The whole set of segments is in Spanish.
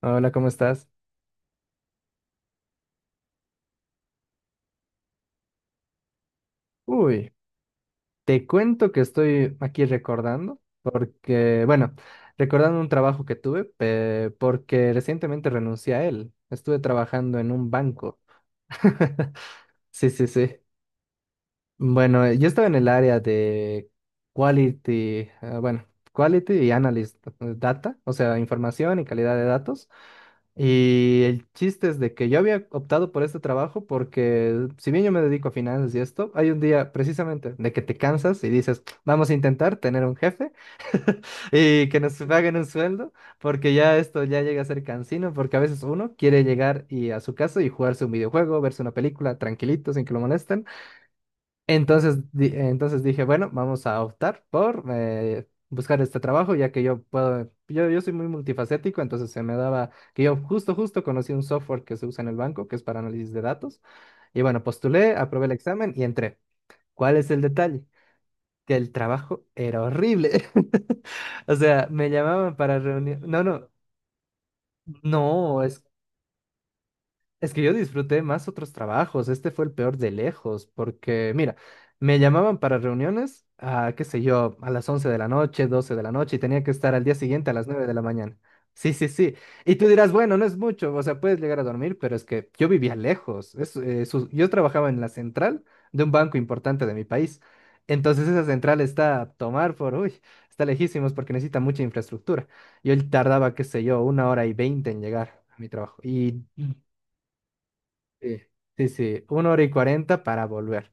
Hola, ¿cómo estás? Uy, te cuento que estoy aquí recordando, porque, bueno, recordando un trabajo que tuve, porque recientemente renuncié a él. Estuve trabajando en un banco. Sí, sí, sí. Bueno, yo estaba en el área de quality, eh, bueno, quality y analyst data, o sea, información y calidad de datos. Y el chiste es de que yo había optado por este trabajo porque si bien yo me dedico a finanzas y esto, hay un día precisamente de que te cansas y dices, vamos a intentar tener un jefe y que nos paguen un sueldo, porque ya esto ya llega a ser cansino, porque a veces uno quiere llegar y a su casa y jugarse un videojuego, verse una película tranquilito, sin que lo molesten. Entonces, entonces dije, bueno, vamos a optar por buscar este trabajo, ya que yo puedo, yo soy muy multifacético, entonces se me daba que yo justo conocí un software que se usa en el banco, que es para análisis de datos. Y bueno, postulé, aprobé el examen y entré. ¿Cuál es el detalle? Que el trabajo era horrible. O sea, me llamaban para reunir. No, no, no, es que yo disfruté más otros trabajos, este fue el peor de lejos, porque mira, me llamaban para reuniones a, qué sé yo, a las 11 de la noche, 12 de la noche, y tenía que estar al día siguiente a las 9 de la mañana. Sí, sí, sí. Y tú dirás, bueno, no es mucho, o sea, puedes llegar a dormir, pero es que yo vivía lejos. Yo trabajaba en la central de un banco importante de mi país. Entonces esa central está a tomar por, uy, está lejísimos porque necesita mucha infraestructura. Yo tardaba, qué sé yo, 1 hora y 20 en llegar a mi trabajo. Y sí, sí, sí, 1 hora y 40 para volver.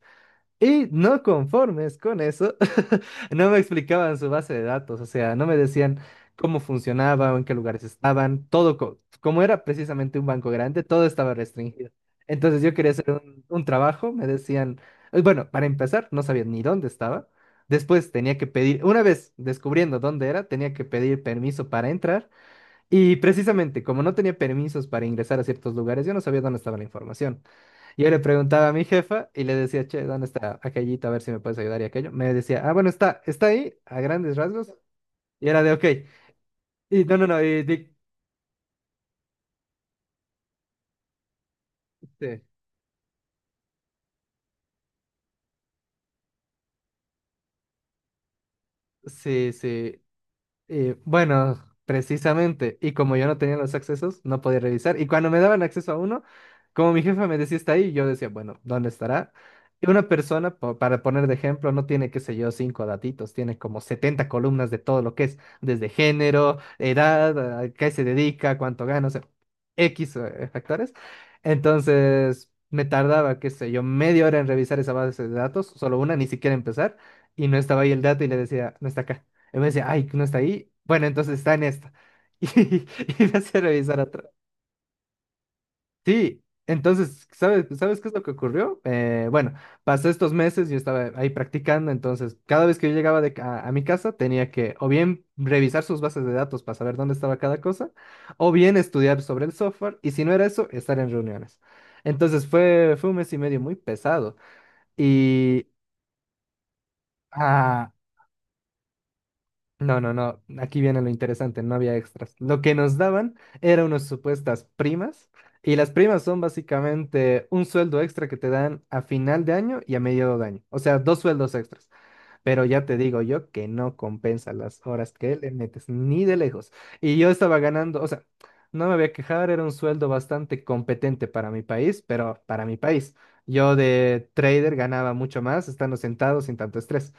Y no conformes con eso, no me explicaban su base de datos, o sea, no me decían cómo funcionaba, en qué lugares estaban, todo, como era precisamente un banco grande, todo estaba restringido. Entonces yo quería hacer un trabajo, me decían, bueno, para empezar, no sabía ni dónde estaba. Después tenía que pedir, una vez descubriendo dónde era, tenía que pedir permiso para entrar. Y precisamente, como no tenía permisos para ingresar a ciertos lugares, yo no sabía dónde estaba la información. Yo le preguntaba a mi jefa y le decía, che, ¿dónde está aquellito? A ver si me puedes ayudar y aquello. Me decía, ah, bueno, está, está ahí, a grandes rasgos. Y era de, ok. Y no, no, no, sí, sí, sí. Y bueno, precisamente, y como yo no tenía los accesos, no podía revisar. Y cuando me daban acceso a uno, como mi jefa me decía está ahí, yo decía, bueno, ¿dónde estará? Y una persona, para poner de ejemplo, no tiene, qué sé yo, cinco datitos, tiene como 70 columnas de todo lo que es, desde género, edad, a qué se dedica, cuánto gana, o sea, X factores. Entonces, me tardaba, qué sé yo, media hora en revisar esa base de datos, solo una, ni siquiera empezar, y no estaba ahí el dato y le decía, no está acá. Y me decía, ay, que no está ahí. Bueno, entonces está en esta. Y, y me hacía revisar atrás. Sí, entonces, ¿sabes qué es lo que ocurrió? Bueno, pasé estos meses, yo estaba ahí practicando, entonces cada vez que yo llegaba a mi casa tenía que o bien revisar sus bases de datos para saber dónde estaba cada cosa, o bien estudiar sobre el software, y si no era eso, estar en reuniones. Entonces fue un mes y medio muy pesado. Y, ah, no, no, no. Aquí viene lo interesante, no había extras. Lo que nos daban eran unas supuestas primas, y las primas son básicamente un sueldo extra que te dan a final de año y a medio de año. O sea, dos sueldos extras. Pero ya te digo yo que no compensa las horas que le metes, ni de lejos. Y yo estaba ganando, o sea, no me voy a quejar, era un sueldo bastante competente para mi país, pero para mi país. Yo de trader ganaba mucho más estando sentado sin tanto estrés.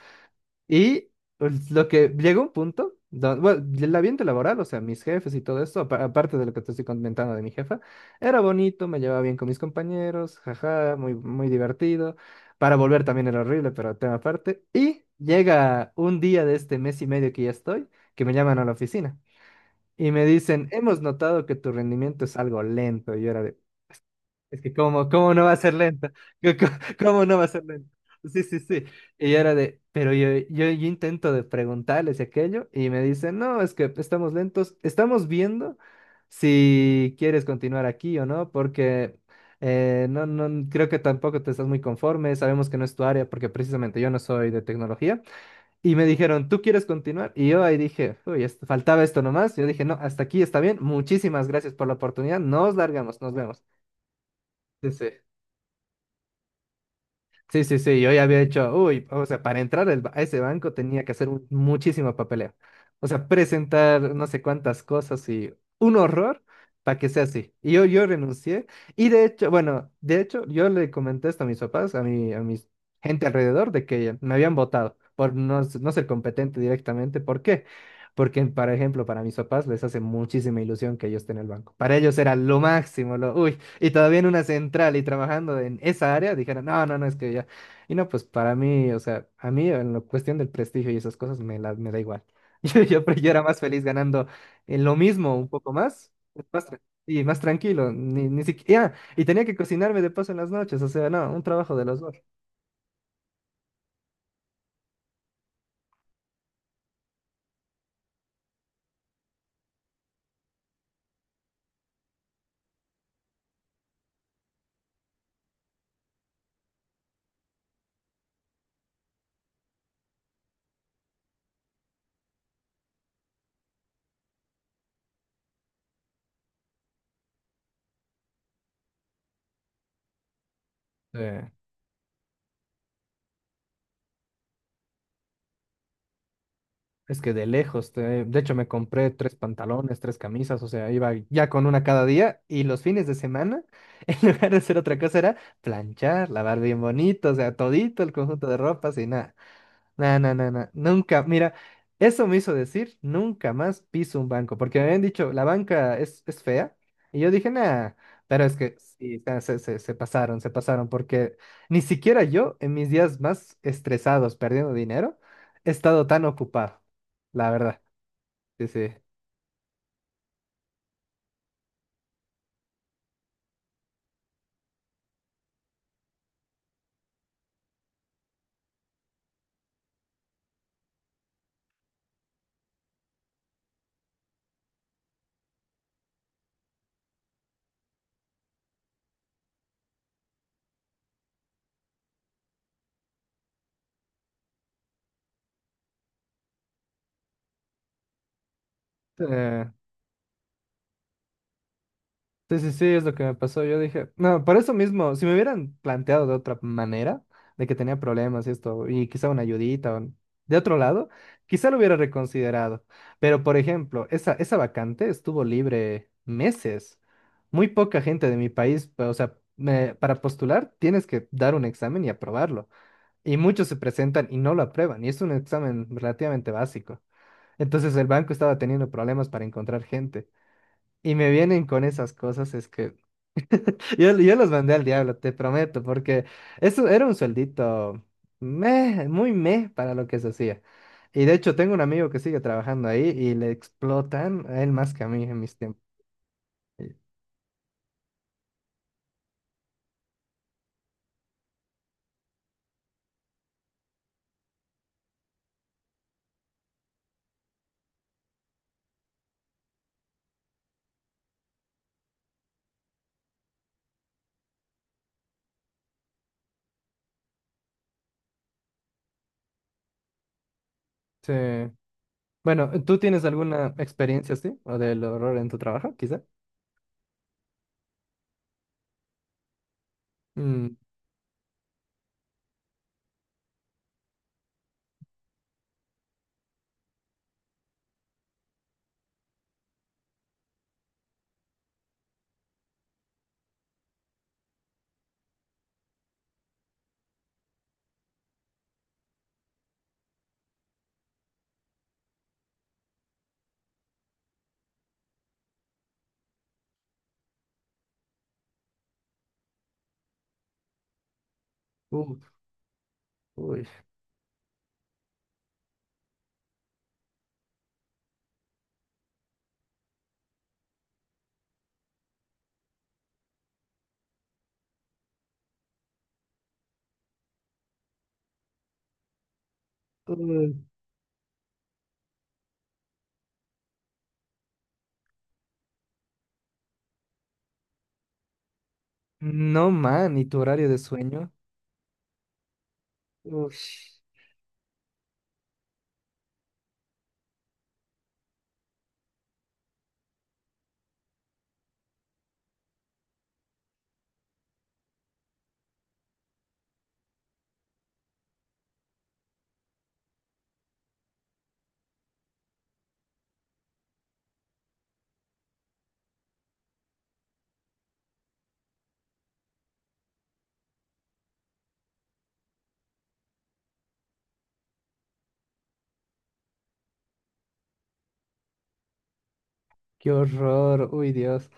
Y pues, lo que llegó un punto, bueno, el ambiente laboral, o sea, mis jefes y todo esto, aparte de lo que te estoy comentando de mi jefa, era bonito, me llevaba bien con mis compañeros, jaja, muy, muy divertido. Para volver también era horrible, pero tema aparte. Y llega un día de este mes y medio que ya estoy, que me llaman a la oficina y me dicen, hemos notado que tu rendimiento es algo lento. Y yo era de, es que cómo, cómo no va a ser lenta, ¿cómo, cómo no va a ser lenta? Sí, sí, sí. Y yo era de, pero yo intento de preguntarles y aquello y me dicen, no, es que estamos lentos, estamos viendo si quieres continuar aquí o no, porque no, no, creo que tampoco te estás muy conforme, sabemos que no es tu área, porque precisamente yo no soy de tecnología. Y me dijeron, ¿tú quieres continuar? Y yo ahí dije, uy, faltaba esto nomás. Yo dije, no, hasta aquí está bien, muchísimas gracias por la oportunidad, nos largamos, nos vemos. Sí, sí. Sí, sí, sí, yo ya había hecho, uy, o sea, para entrar al a ese banco tenía que hacer muchísimo papeleo. O sea, presentar no sé cuántas cosas y un horror para que sea así. Y yo renuncié. Y de hecho, bueno, de hecho, yo le comenté esto a mis papás, a mis gente alrededor, de que me habían votado por no ser competente directamente. ¿Por qué? Porque, por ejemplo, para mis papás les hace muchísima ilusión que yo esté en el banco. Para ellos era lo máximo, lo, uy. Y todavía en una central y trabajando en esa área, dijeron, no, no, no, es que ya. Y no, pues para mí, o sea, a mí en la cuestión del prestigio y esas cosas me, la, me da igual. Yo era más feliz ganando en lo mismo, un poco más, y más tranquilo, ni siquiera. Y tenía que cocinarme de paso en las noches, o sea, no, un trabajo de los dos. Sí. Es que de lejos, de hecho me compré tres pantalones, tres camisas, o sea, iba ya con una cada día y los fines de semana, en lugar de hacer otra cosa, era planchar, lavar bien bonito, o sea, todito el conjunto de ropas y nada. No, no, no, no, nunca, mira, eso me hizo decir, nunca más piso un banco, porque me habían dicho, la banca es fea, y yo dije, nada, pero es que sí, se pasaron, se pasaron, porque ni siquiera yo, en mis días más estresados perdiendo dinero, he estado tan ocupado, la verdad, sí, sí. Eh, Sí, sí, sí, es lo que me pasó. Yo dije, no, por eso mismo, si me hubieran planteado de otra manera, de que tenía problemas y esto, y quizá una ayudita o de otro lado, quizá lo hubiera reconsiderado. Pero, por ejemplo, esa vacante estuvo libre meses. Muy poca gente de mi país, o sea, para postular tienes que dar un examen y aprobarlo. Y muchos se presentan y no lo aprueban, y es un examen relativamente básico. Entonces el banco estaba teniendo problemas para encontrar gente. Y me vienen con esas cosas, es que. Yo los mandé al diablo, te prometo, porque eso era un sueldito meh, muy meh para lo que se hacía. Y de hecho, tengo un amigo que sigue trabajando ahí y le explotan a él más que a mí en mis tiempos. Sí. Bueno, ¿tú tienes alguna experiencia así? ¿O del horror en tu trabajo, quizá? Mm, uf, uy, uy. No, man, ¿y tu horario de sueño? Uy, qué horror, uy, Dios.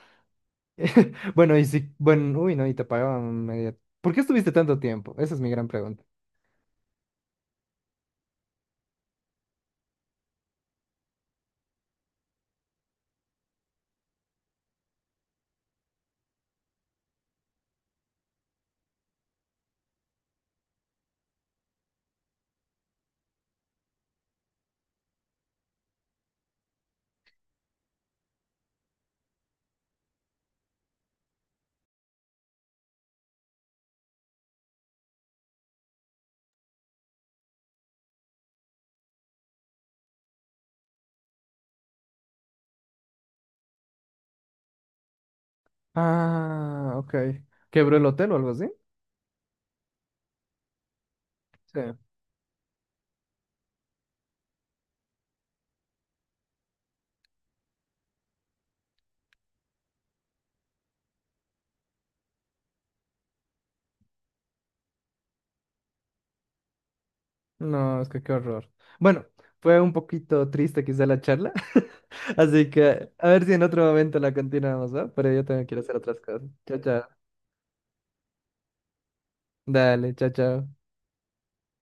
Bueno, y si, bueno, uy, no, y te pagaban media. ¿Por qué estuviste tanto tiempo? Esa es mi gran pregunta. Ah, ok. ¿Quebró el hotel o algo así? Sí. No, es que qué horror. Bueno, fue un poquito triste quizá la charla, así que a ver si en otro momento la continuamos, ¿va? Pero yo también quiero hacer otras cosas. Chao, chao. Dale, chao, chao.